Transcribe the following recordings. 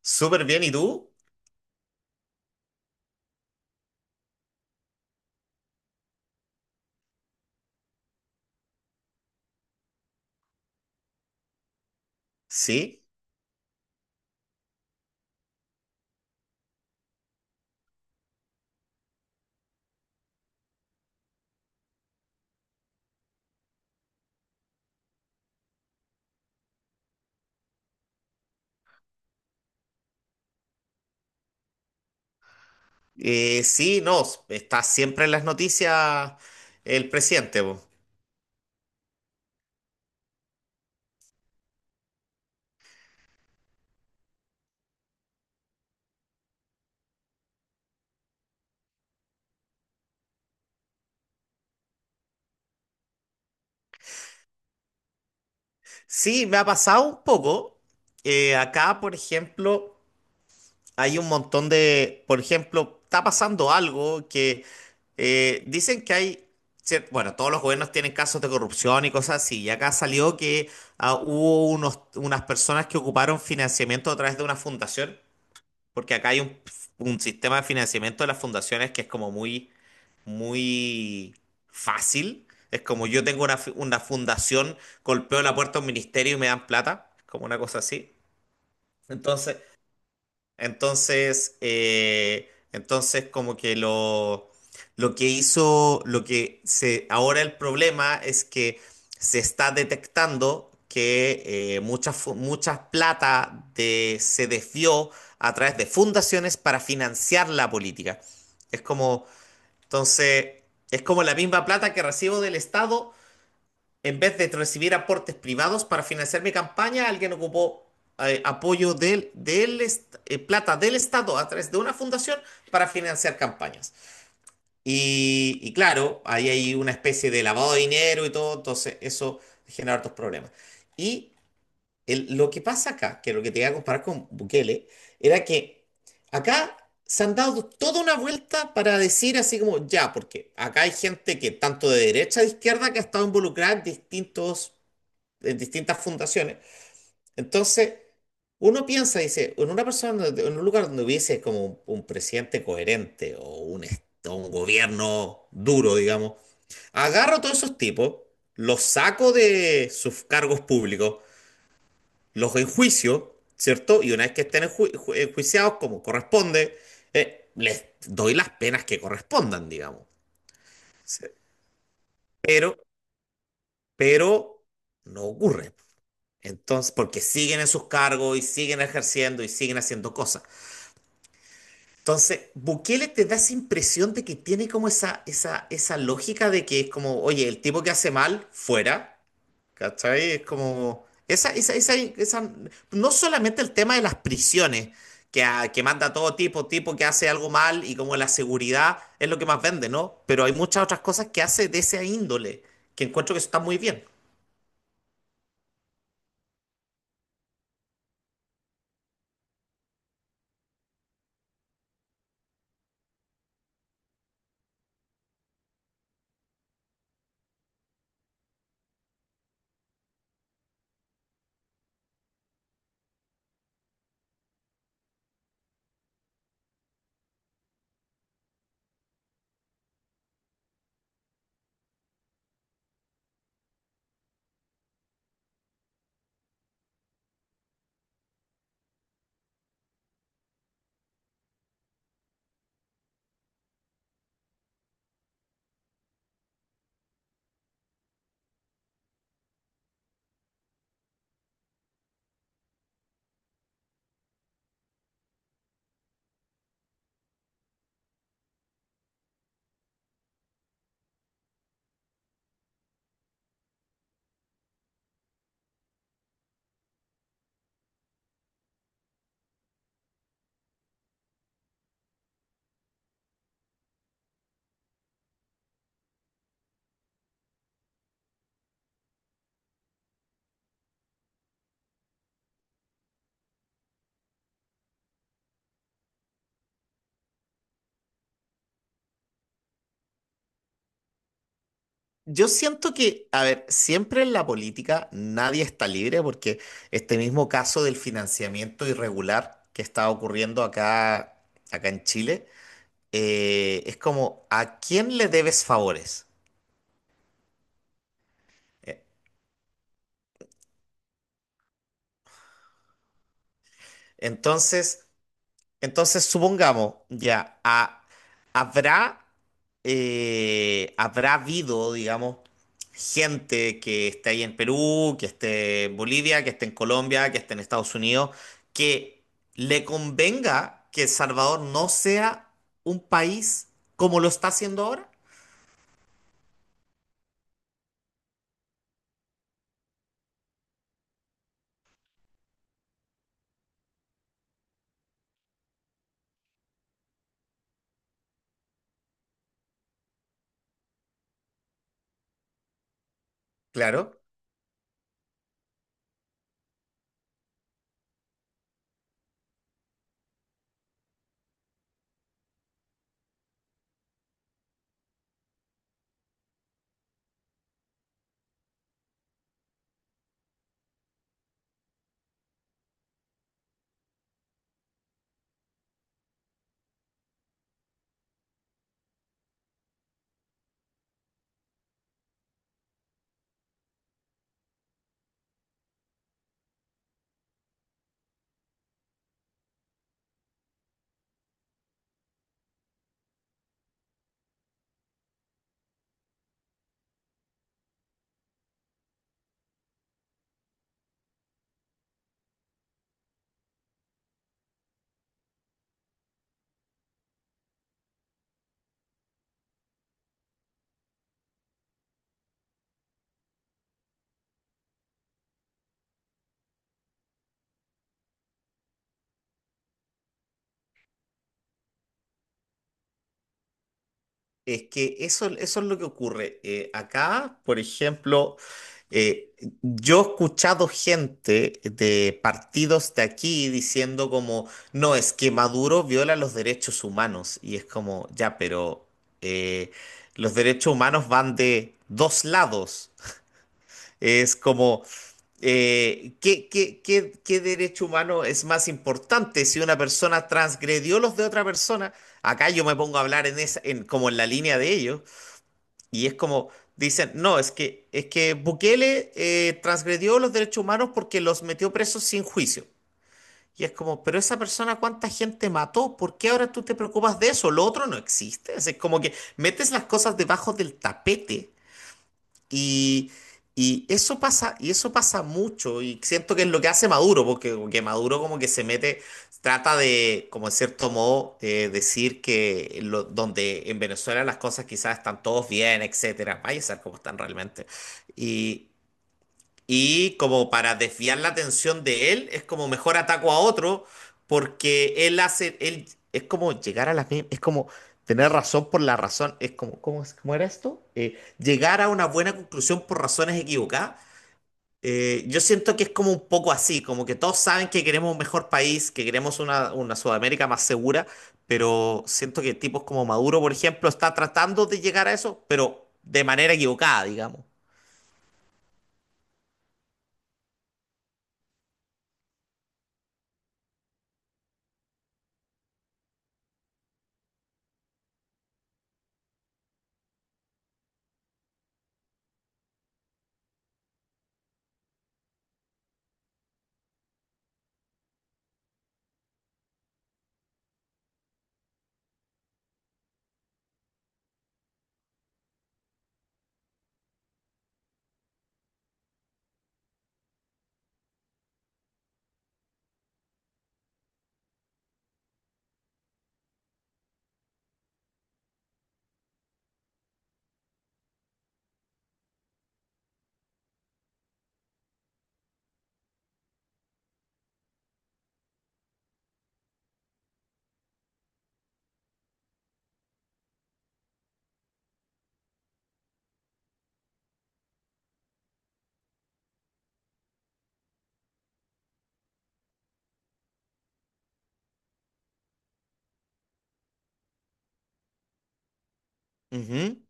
Súper bien, ¿y tú? Sí, sí, no, está siempre en las noticias el presidente. Po. Sí, me ha pasado un poco. Acá, por ejemplo, hay un montón de, por ejemplo, está pasando algo que dicen que hay, bueno, todos los gobiernos tienen casos de corrupción y cosas así, y acá salió que hubo unas personas que ocuparon financiamiento a través de una fundación, porque acá hay un sistema de financiamiento de las fundaciones que es como muy muy fácil. Es como yo tengo una fundación, golpeo la puerta a un ministerio y me dan plata, como una cosa así. Entonces, entonces, como que lo que hizo, lo que se, ahora el problema es que se está detectando que mucha plata se desvió a través de fundaciones para financiar la política. Es como entonces, es como la misma plata que recibo del Estado, en vez de recibir aportes privados para financiar mi campaña, alguien ocupó apoyo plata del Estado a través de una fundación para financiar campañas. Y claro, ahí hay una especie de lavado de dinero y todo, entonces eso genera hartos problemas. Y lo que pasa acá, que lo que te iba a comparar con Bukele, era que acá se han dado toda una vuelta para decir así como, ya, porque acá hay gente que tanto de derecha a izquierda que ha estado involucrada en distintas fundaciones. Entonces, uno piensa, dice, en una persona, en un lugar donde hubiese como un presidente coherente o un, est- o un gobierno duro, digamos, agarro a todos esos tipos, los saco de sus cargos públicos, los enjuicio, ¿cierto? Y una vez que estén enjuiciados como corresponde, les doy las penas que correspondan, digamos. Sí. Pero, pero no ocurre. Entonces, porque siguen en sus cargos y siguen ejerciendo y siguen haciendo cosas. Entonces, Bukele te da esa impresión de que tiene como esa lógica de que es como, oye, el tipo que hace mal, fuera. ¿Cachai? Es como. No solamente el tema de las prisiones, que, que manda todo tipo, tipo que hace algo mal, y como la seguridad es lo que más vende, ¿no? Pero hay muchas otras cosas que hace de esa índole, que encuentro que está muy bien. Yo siento que, a ver, siempre en la política nadie está libre porque este mismo caso del financiamiento irregular que está ocurriendo acá, acá en Chile, es como, ¿a quién le debes favores? Eh, Entonces, Supongamos, ya, habrá, habrá habido, digamos, gente que esté ahí en Perú, que esté en Bolivia, que esté en Colombia, que esté en Estados Unidos, que le convenga que El Salvador no sea un país como lo está haciendo ahora. Claro. Es que eso es lo que ocurre. Acá, por ejemplo, eh, yo he escuchado gente de partidos de aquí diciendo como, no, es que Maduro viola los derechos humanos. Y es como, ya, pero eh, los derechos humanos van de dos lados. Es como, ¿qué, qué derecho humano es más importante si una persona transgredió los de otra persona? Acá yo me pongo a hablar en como en la línea de ellos. Y es como, dicen, no, es que Bukele transgredió los derechos humanos porque los metió presos sin juicio. Y es como, pero esa persona, ¿cuánta gente mató? ¿Por qué ahora tú te preocupas de eso? Lo otro no existe. Es como que metes las cosas debajo del tapete y, y eso pasa mucho, y siento que es lo que hace Maduro, porque como que Maduro como que se mete, trata de, como en cierto modo, decir que donde en Venezuela las cosas quizás están todos bien, etcétera, vaya a ser como están realmente. y y como para desviar la atención de él, es como mejor ataco a otro porque él hace, él es como llegar a la misma, es como tener razón por la razón, es como, ¿cómo, cómo era esto? Llegar a una buena conclusión por razones equivocadas. Yo siento que es como un poco así, como que todos saben que queremos un mejor país, que queremos una Sudamérica más segura, pero siento que tipos como Maduro, por ejemplo, está tratando de llegar a eso, pero de manera equivocada, digamos. Ujú.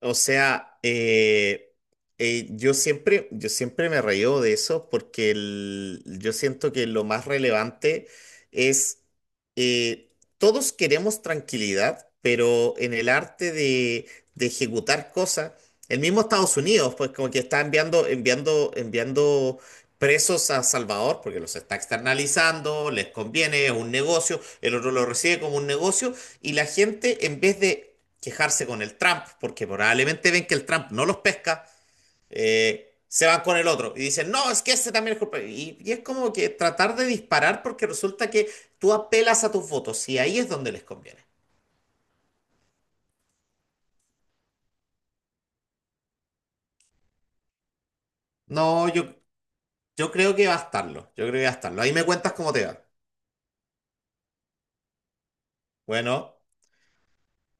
O sea, yo siempre me reío de eso porque yo siento que lo más relevante es, eh, todos queremos tranquilidad, pero en el arte de ejecutar cosas, el mismo Estados Unidos, pues como que está enviando presos a Salvador porque los está externalizando, les conviene, es un negocio, el otro lo recibe como un negocio. Y la gente, en vez de quejarse con el Trump, porque probablemente ven que el Trump no los pesca, se van con el otro y dicen, no, es que ese también es culpable. Y es como que tratar de disparar porque resulta que tú apelas a tus votos y ahí es donde les conviene. No, yo creo que va a estarlo, yo creo que va a estarlo. Ahí me cuentas cómo te va. Bueno.